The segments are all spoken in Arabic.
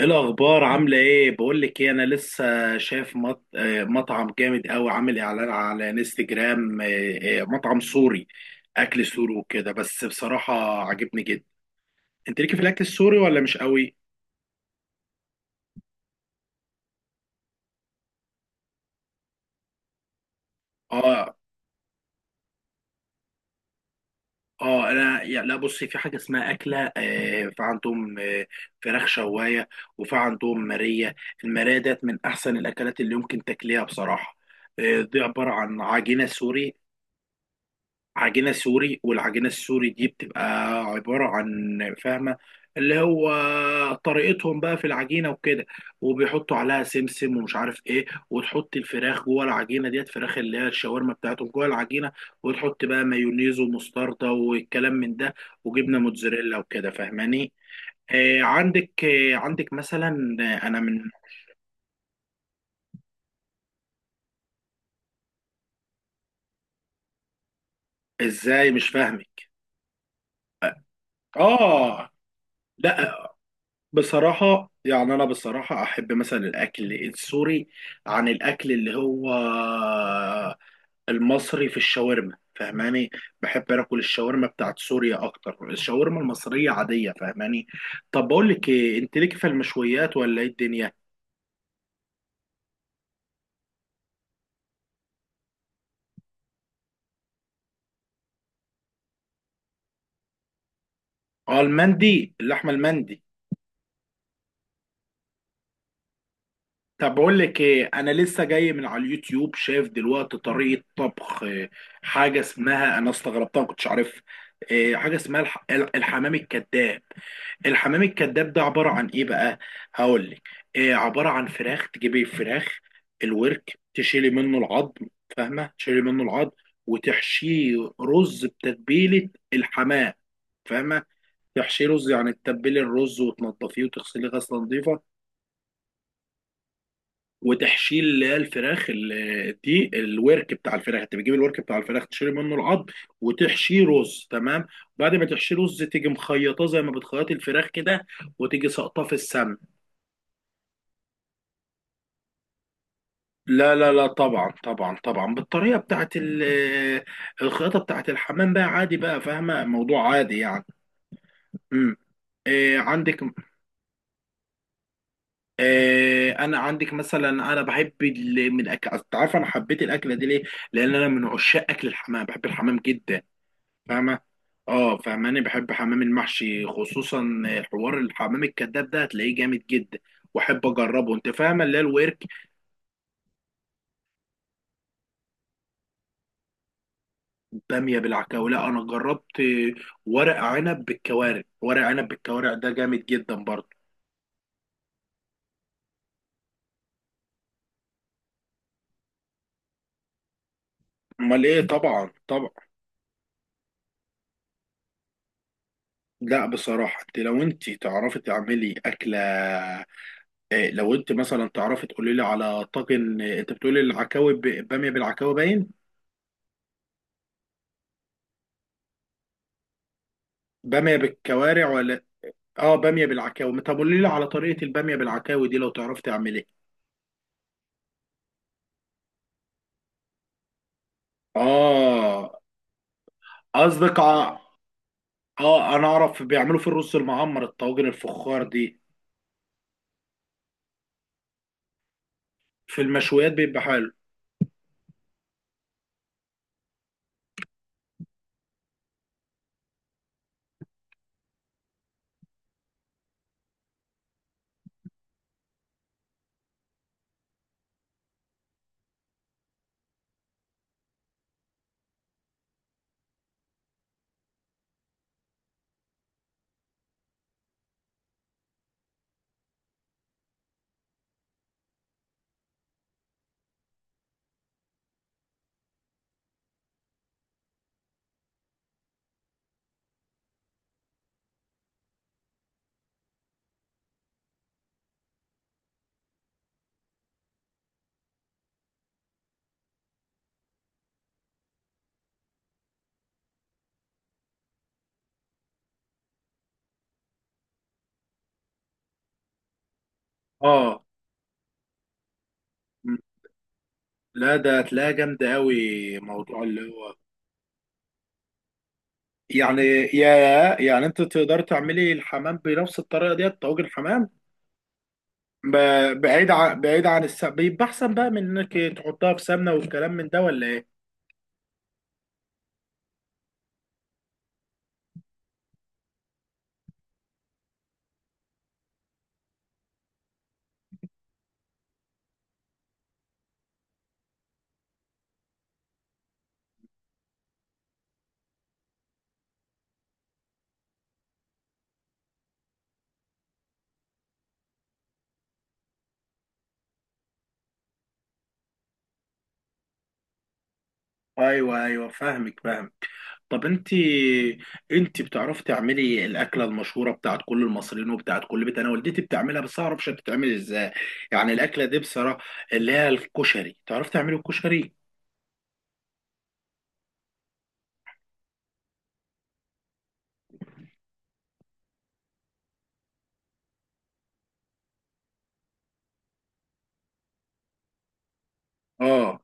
ايه الاخبار؟ عامله ايه؟ بقول لك ايه، انا لسه شايف مط... آه، مطعم جامد قوي، عامل اعلان على انستجرام. مطعم سوري، اكل سوري وكده. بس بصراحه عجبني جدا. انت ليكي في الاكل السوري ولا مش قوي؟ اه. اه انا يا- لا بصي، في حاجه اسمها اكله في عندهم فراخ شوايه، وفي عندهم ماريه. الماريه ديت من احسن الاكلات اللي يمكن تاكليها بصراحه. دي عباره عن عجينه سوري، عجينة سوري. والعجينة السوري دي بتبقى عبارة عن، فاهمة، اللي هو طريقتهم بقى في العجينة وكده، وبيحطوا عليها سمسم ومش عارف ايه، وتحط الفراخ جوه العجينة ديت، فراخ اللي هي الشاورما بتاعتهم جوه العجينة، وتحط بقى مايونيز ومستردة والكلام من ده، وجبنة موتزاريلا وكده، فاهماني؟ آه عندك، آه عندك مثلا، انا من، ازاي؟ مش فاهمك. اه، لا بصراحة يعني، أنا بصراحة أحب مثلا الأكل السوري عن الأكل اللي هو المصري في الشاورما، فاهماني؟ بحب أكل الشاورما بتاعت سوريا أكتر. الشاورما المصرية عادية، فاهماني؟ طب بقول لك إيه، أنت ليك في المشويات ولا إيه الدنيا؟ أه المندي، اللحمة المندي. طب بقول لك ايه، انا لسه جاي من على اليوتيوب، شايف دلوقتي طريقه طبخ حاجه اسمها، انا استغربتها ما كنتش عارفها، حاجه اسمها الحمام الكذاب. الحمام الكذاب ده عباره عن ايه بقى؟ هقول لك إيه. عباره عن فراخ. تجيبي الفراخ، الورك، تشيلي منه العظم. فاهمه؟ تشيلي منه العظم وتحشيه رز، بتتبيله الحمام، فاهمه؟ تحشيه رز، يعني تتبلي الرز وتنضفيه وتغسليه غسله نظيفه، وتحشيل اللي هي الفراخ دي، الورك بتاع الفراخ. انت بتجيب الورك بتاع الفراخ، تشيل منه العظم وتحشيه رز، تمام؟ بعد ما تحشيه رز، تيجي مخيطاه زي ما بتخيط الفراخ كده، وتيجي ساقطاه في السمن. لا، طبعا طبعا طبعا، بالطريقه بتاعت الخياطه بتاعت الحمام بقى، عادي بقى، فاهمه؟ موضوع عادي يعني. امم، إيه عندك؟ إيه انا عندك مثلا، انا بحب من الاكل، أصل أنت عارف انا حبيت الاكله دي ليه؟ لان انا من عشاق اكل الحمام، بحب الحمام جدا، فاهمة؟ اه، فاهماني؟ بحب حمام المحشي خصوصا. حوار الحمام الكذاب ده هتلاقيه جامد جدا، واحب اجربه. انت فاهمة؟ اللي هي الورك. بامية بالعكاوي؟ لا انا جربت ورق عنب بالكوارع. ورق عنب بالكوارع ده جامد جدا برضه. امال ايه، طبعا طبعا. لا بصراحة انت لو انت تعرفي تعملي اكلة إيه، لو انت مثلا تعرفي تقولي لي على طاجن إيه، انت بتقولي العكاوي بامية بالعكاوي، باين. بامية بالكوارع ولا؟ اه، باميه بالعكاوي. طب قولي لي على طريقه الباميه بالعكاوي دي لو تعرف تعمليها. اه قصدك ع- اه انا اعرف بيعملوا في الرز المعمر الطواجن الفخار دي. في المشويات بيبقى حلو. اه. م. لا، ده هتلاقيها جامده قوي، موضوع اللي هو، يعني، يعني انت تقدر تعملي الحمام بنفس الطريقه دي، طواجن حمام. بعيد عن، بعيد عن السمنه بيبقى احسن بقى من انك تحطها في سمنه والكلام من ده، ولا ايه؟ ايوه ايوه، فاهمك. طب انت، انت بتعرفي تعملي الاكله المشهوره بتاعت كل المصريين وبتاعت كل بيت؟ انا والدتي بتعملها بس اعرفش بتتعمل ازاي، يعني الاكله دي بصراحه، اللي هي الكشري. تعرفي تعملي الكشري؟ اه،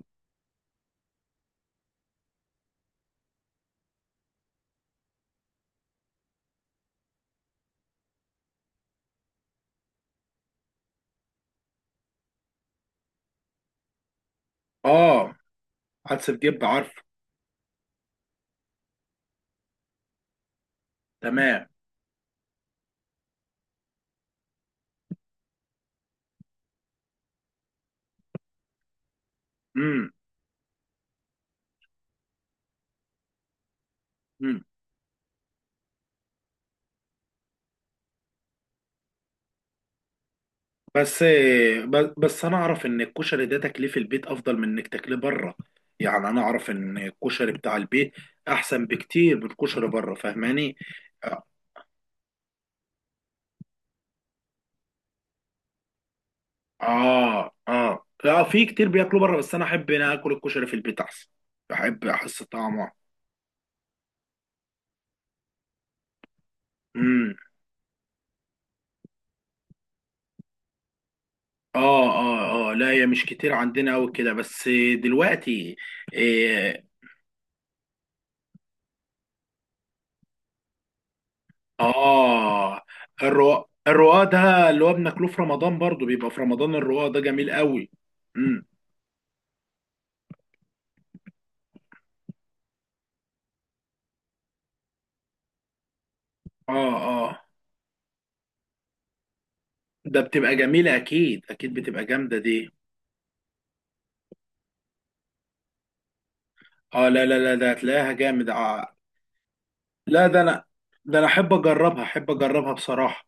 اه، حدس بجيب، عارفه. تمام. امم، امم. بس بس انا اعرف ان الكشري ده تاكليه في البيت افضل من انك تاكليه بره، يعني انا اعرف ان الكشري بتاع البيت احسن بكتير من الكشري بره، فاهماني؟ اه اه، لا في كتير بياكلوا بره، بس انا احب انا اكل الكشري في البيت احسن، بحب احس طعمه. امم. اه اه اه، لا هي مش كتير عندنا قوي كده بس دلوقتي. إيه. اه، الرواق. الرواق ده اللي هو بناكله في رمضان برضو، بيبقى في رمضان الرواق ده جميل قوي. امم. اه، اه. ده بتبقى جميلة اكيد، اكيد بتبقى جامدة دي. اه لا، ده هتلاقيها جامد. لا ده انا، ده انا احب اجربها، احب اجربها بصراحة.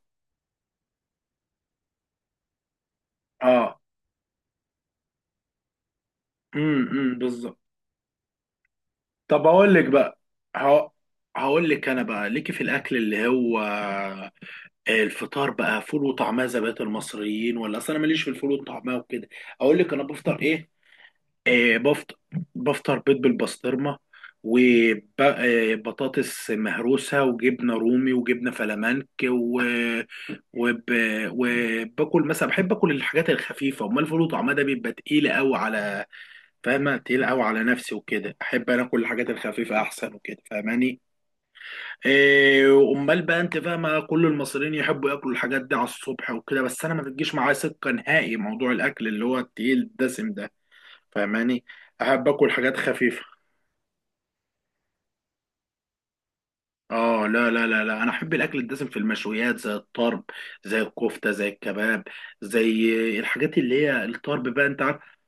اه. بالظبط. طب اقول لك بقى، هق- هقول لك انا بقى. ليكي في الاكل اللي هو الفطار بقى فول وطعميه زي بقيه المصريين، ولا؟ اصل انا ماليش في الفول والطعميه وكده. اقول لك انا بفطر ايه؟ إيه؟ بفطر، بفطر بيض بالبسطرمه وبطاطس مهروسه وجبنه رومي وجبنه فلامنك وب... وباكل مثلا، بحب اكل الحاجات الخفيفه. امال الفول وطعميه ده بيبقى تقيله قوي على، فاهمة؟ تقيل قوي على نفسي وكده. احب انا كل الحاجات الخفيفة احسن وكده، فاهماني؟ إيه امال بقى، انت فاهمة كل المصريين يحبوا ياكلوا الحاجات دي على الصبح وكده، بس انا ما بتجيش معايا سكة نهائي موضوع الاكل اللي هو التقيل الدسم ده، فاهماني؟ احب اكل حاجات خفيفة. اه لا، انا احب الاكل الدسم في المشويات زي الطرب، زي الكفتة، زي الكباب، زي الحاجات اللي هي الطرب بقى، انت عارف.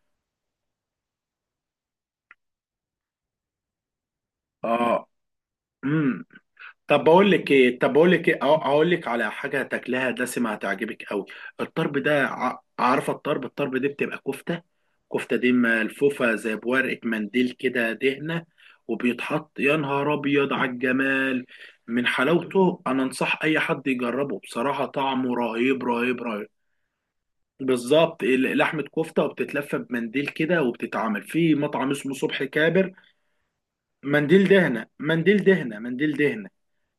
اه. طب بقول لك ايه، طب بقول لك ايه، اقول لك على حاجه تاكلها دسمه هتعجبك قوي. الطرب ده، عارفه الطرب؟ الطرب دي بتبقى كفته، كفته دي ملفوفه زي بورقه منديل كده دهنه، وبيتحط يا نهار ابيض على الجمال من حلاوته. انا انصح اي حد يجربه بصراحه، طعمه رهيب رهيب رهيب. بالظبط لحمه كفته، وبتتلف بمنديل كده، وبتتعمل في مطعم اسمه صبح كابر. منديل دهنه، منديل دهنه، منديل دهنه.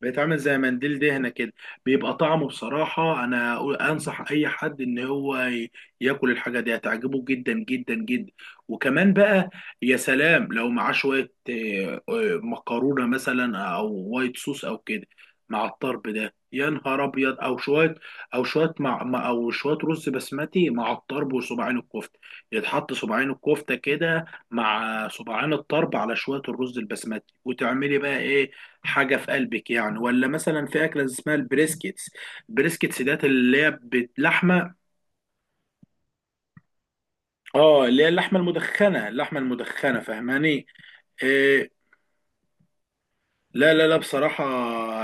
بقيت عامل زي منديل دهنة كده. بيبقى طعمه بصراحة، أنا أنصح أي حد إن هو ياكل الحاجة دي، هتعجبه جدا جدا جدا. وكمان بقى يا سلام لو معاه شوية مكرونة مثلا أو وايت صوص أو كده مع الطرب ده، يا نهار أبيض. أو شوية، أو شوية أو شوية رز بسمتي مع الطرب وصباعين الكفتة، يتحط صباعين الكفتة كده مع صباعين الطرب على شوية الرز البسمتي، وتعملي بقى إيه حاجة في قلبك يعني. ولا مثلا في أكلة اسمها البريسكيتس. البريسكيتس ديت اللي هي لحمة، اه، اللي هي اللحمة المدخنة، اللحمة المدخنة، فاهماني؟ آه، لا لا لا بصراحة،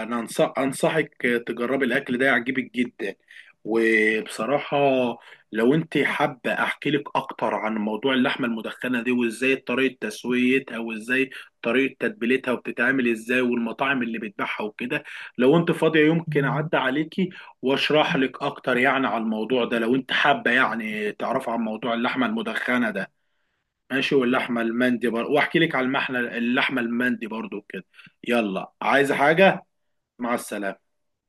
أنا أنصح، أنصحك تجربي الأكل ده، يعجبك جدا. وبصراحة لو أنت حابة أحكي لك أكتر عن موضوع اللحمة المدخنة دي، وإزاي طريقة تسويتها، وإزاي طريقة تتبيلتها، وبتتعمل إزاي، والمطاعم اللي بتبيعها وكده، لو أنت فاضية يمكن أعدي عليكي وأشرح لك أكتر يعني على الموضوع ده، لو أنت حابة يعني تعرف عن موضوع اللحمة المدخنة ده. ماشي، واللحمه المندي برضه، واحكي لك على المحنه، اللحمه المندي برضه كده. يلا، عايزه حاجه؟ مع السلامه.